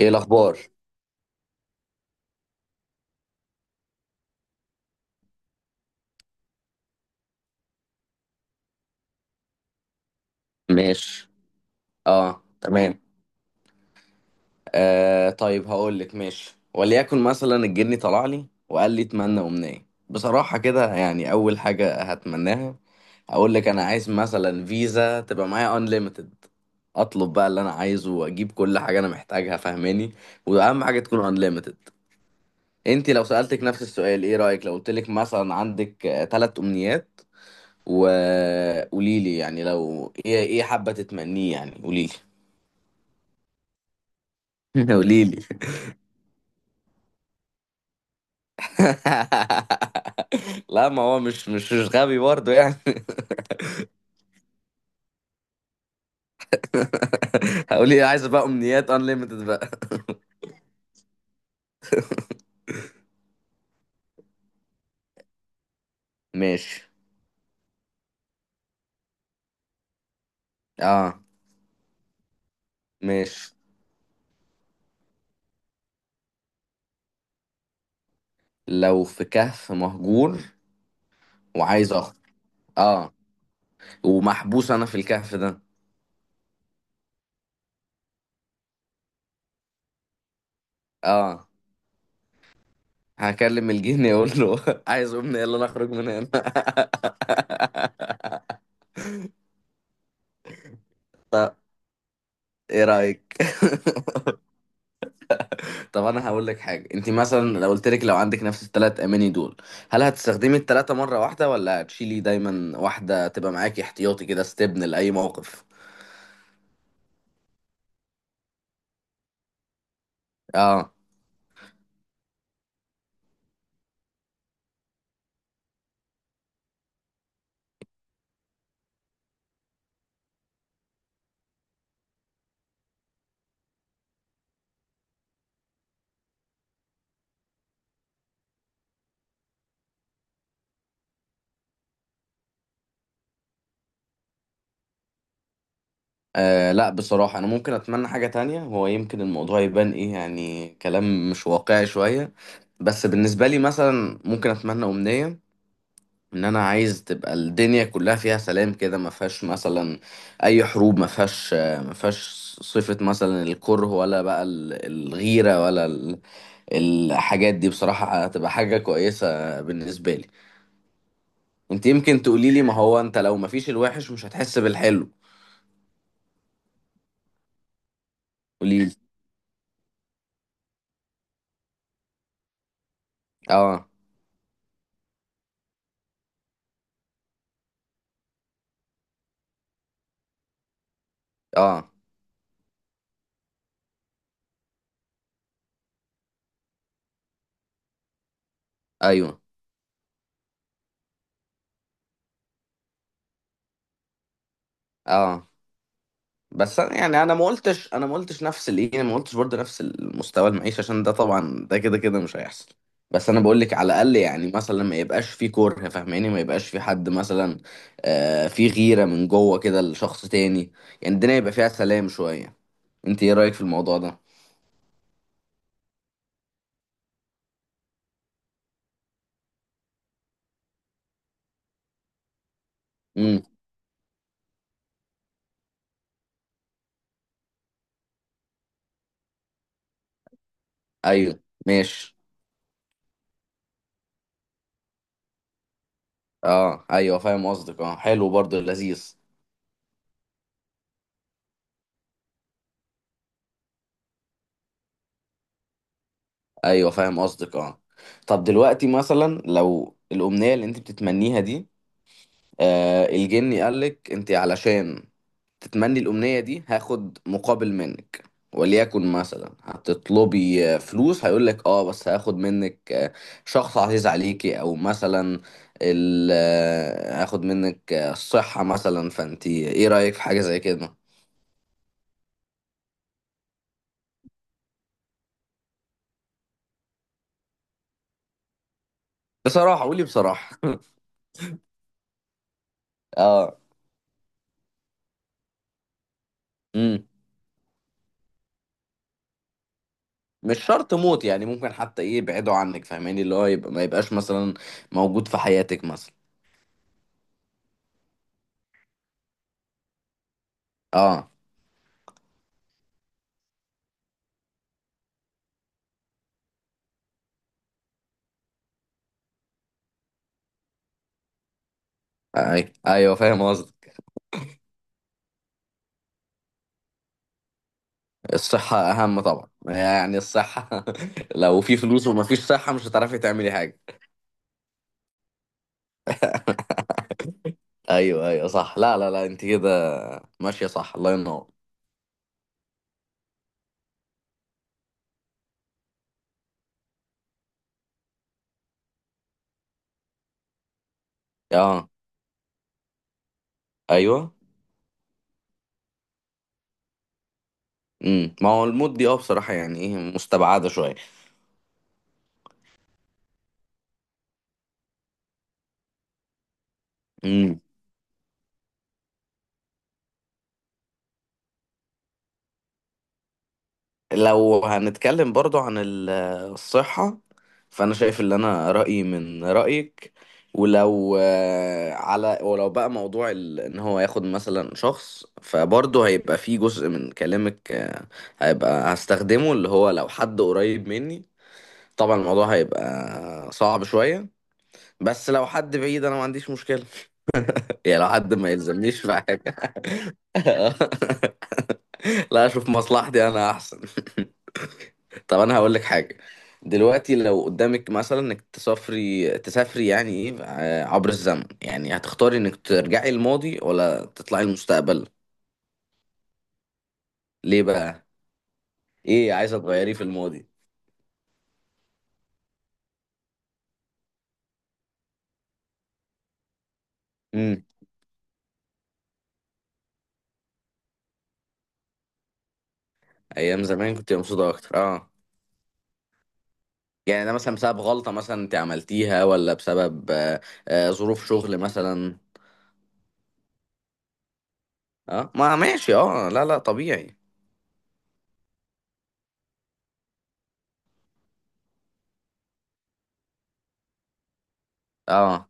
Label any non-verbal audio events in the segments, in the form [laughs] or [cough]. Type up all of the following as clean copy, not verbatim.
ايه الاخبار؟ ماشي. اه، تمام. آه، طيب هقول لك ماشي. وليكن مثلا الجني طلع لي وقال لي اتمنى امنيه بصراحه كده، يعني اول حاجه هتمناها هقول لك: انا عايز مثلا فيزا تبقى معايا انليمتد، اطلب بقى اللي انا عايزه واجيب كل حاجه انا محتاجها، فاهماني. واهم حاجه تكون انليمتد. انت لو سالتك نفس السؤال، ايه رايك لو قلت لك مثلا عندك تلات امنيات، وقولي لي يعني لو ايه حابه تتمنيه، يعني قولي لي. [laughs] قولي لي. [laughs] لا، ما هو مش غبي برضه يعني. [laughs] هقول ايه؟ عايز بقى امنيات انليمتد بقى. ماشي. اه، ماشي. لو في كهف مهجور وعايز اخرج، اه، ومحبوس انا في الكهف ده، اه، هكلم الجن يقول له [laughs] عايز امنية اللي انا اخرج من هنا. [laughs] طب ايه رايك؟ [laughs] طب انا هقول لك حاجه، انت مثلا لو قلت لك لو عندك نفس الثلاث اماني دول، هل هتستخدمي الثلاثه مره واحده ولا هتشيلي دايما واحده تبقى معاكي احتياطي كده استبن لاي موقف؟ آه. اه، لا بصراحه انا ممكن اتمنى حاجه تانية. هو يمكن الموضوع يبان ايه يعني، كلام مش واقعي شويه، بس بالنسبه لي مثلا ممكن اتمنى امنيه ان انا عايز تبقى الدنيا كلها فيها سلام كده، ما فيهاش مثلا اي حروب، ما فيهاش صفه مثلا الكره، ولا بقى الغيره، ولا الحاجات دي. بصراحة هتبقى حاجة كويسة بالنسبة لي. انت يمكن تقولي لي ما هو انت لو ما فيش الوحش مش هتحس بالحلو. قولي لي. اه. اه. ايوه. اه. يعني انا ما قلتش نفس الايه، ما قلتش برضه نفس المستوى المعيشة، عشان ده طبعا ده كده كده مش هيحصل. بس انا بقول لك على الاقل يعني مثلا ما يبقاش في كره، فاهماني، ما يبقاش في حد مثلا في غيرة من جوه كده لشخص تاني. يعني الدنيا يبقى فيها سلام شوية. انت ايه رأيك في الموضوع ده؟ ايوه. ماشي. اه، ايوه، فاهم قصدك. اه، حلو برضه، لذيذ. ايوه، فاهم قصدك. اه، طب دلوقتي مثلا لو الامنيه اللي انت بتتمنيها دي، آه الجني قالك انت علشان تتمني الامنيه دي هاخد مقابل منك، وليكن مثلا هتطلبي فلوس، هيقولك اه بس هاخد منك شخص عزيز عليكي، او مثلا هاخد منك الصحه مثلا، فانت ايه رايك في حاجه زي كده؟ بصراحه قولي بصراحه. [laughs] اه. امم مش شرط موت يعني. ممكن حتى ايه، يبعدوا عنك، فاهماني، اللي هو يبقى ما يبقاش مثلا موجود في حياتك مثلا. اه. اي ايوه، فاهم قصدك. الصحة اهم طبعا يعني، الصحة. [laughs] لو في فلوس وما فيش صحة مش هتعرفي تعملي حاجة. ايوه ايوه، صح. لا لا لا، انت كده ماشية، صح. الله ينور. اه. ايوه. ما هو الموت دي اه بصراحة يعني ايه مستبعدة شوية. مم. لو هنتكلم برضو عن الصحة، فأنا شايف اللي أنا رأيي من رأيك. ولو آه، على ولو بقى موضوع إن هو ياخد مثلا شخص، فبرضو هيبقى فيه جزء من كلامك، هيبقى هستخدمه اللي هو لو حد قريب مني، طبعا الموضوع هيبقى صعب شوية. بس لو حد بعيد أنا ما عنديش مشكلة. [laughs] يعني لو حد ما يلزمنيش في حاجة. [laughs] لا، أشوف مصلحتي أنا أحسن. [laughs] طب انا هقول لك حاجه، دلوقتي لو قدامك مثلا انك تسافري تسافري يعني ايه عبر الزمن، يعني هتختاري انك ترجعي الماضي ولا تطلعي المستقبل؟ ليه بقى؟ ايه، عايزه تغيري في الماضي؟ امم. ايام زمان كنت مبسوطه اكتر، اه. يعني ده مثلا بسبب غلطه مثلا انت عملتيها، ولا بسبب ظروف شغل مثلا؟ اه، ما ماشي، اه، لا لا، طبيعي. اه.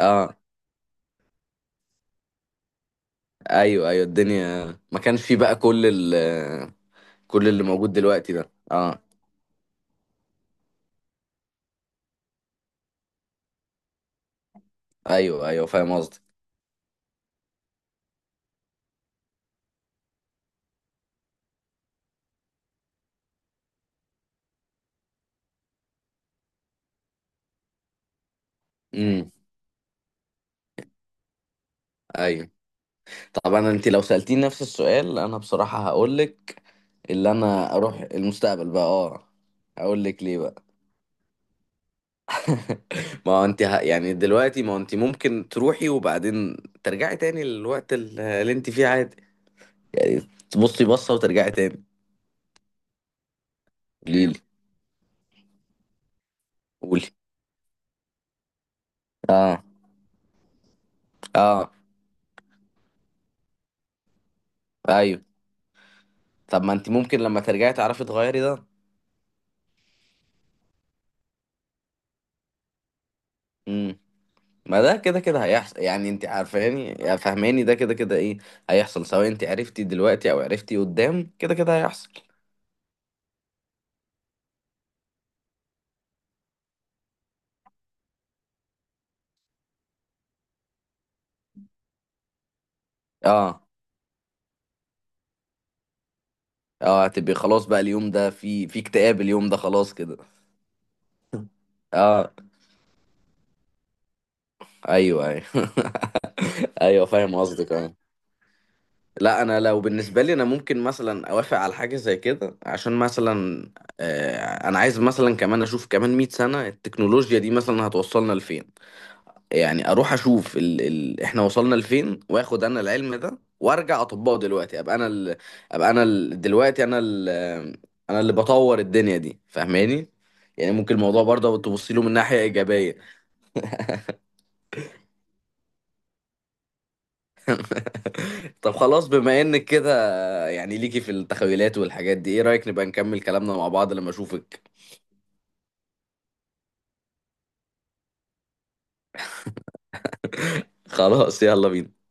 اه، ايوه ايوه، الدنيا ما كانش فيه بقى كل اللي موجود دلوقتي ده، اه. ايوه ايوه، فاهم قصدي. امم، ايوه. طب انا، انت لو سألتيني نفس السؤال انا بصراحة هقول لك اللي انا اروح المستقبل بقى، اه، هقول لك ليه بقى. [laughs] ما هو انت يعني دلوقتي ما هو انت ممكن تروحي وبعدين ترجعي تاني للوقت اللي انت فيه عادي يعني، تبصي بصة وترجعي تاني. قولي لي. قولي. اه. اه، ايوه. طب ما انت ممكن لما ترجعي تعرفي تغيري ده؟ امم. ما ده كده كده هيحصل يعني، انت عارفاني يعني، فاهماني، ده كده كده ايه، هيحصل سواء انت عرفتي دلوقتي او عرفتي قدام كده كده هيحصل. اه. اه، هتبقي خلاص بقى اليوم ده في اكتئاب، اليوم ده خلاص كده. اه، ايوه ايوه. [laughs] ايوه، فاهم قصدك. اه، لا انا لو بالنسبه لي انا ممكن مثلا اوافق على حاجه زي كده، عشان مثلا انا عايز مثلا كمان اشوف كمان 100 سنه التكنولوجيا دي مثلا هتوصلنا لفين. يعني اروح اشوف احنا وصلنا لفين، واخد انا العلم ده وارجع اطبقه دلوقتي، ابقى انا ال... دلوقتي انا ال... انا اللي بطور الدنيا دي، فاهماني. يعني ممكن الموضوع برضه تبص له من ناحية إيجابية. [laughs] طب خلاص بما انك كده يعني ليكي في التخيلات والحاجات دي، ايه رأيك نبقى نكمل كلامنا مع بعض لما اشوفك؟ خلاص، يلا بينا.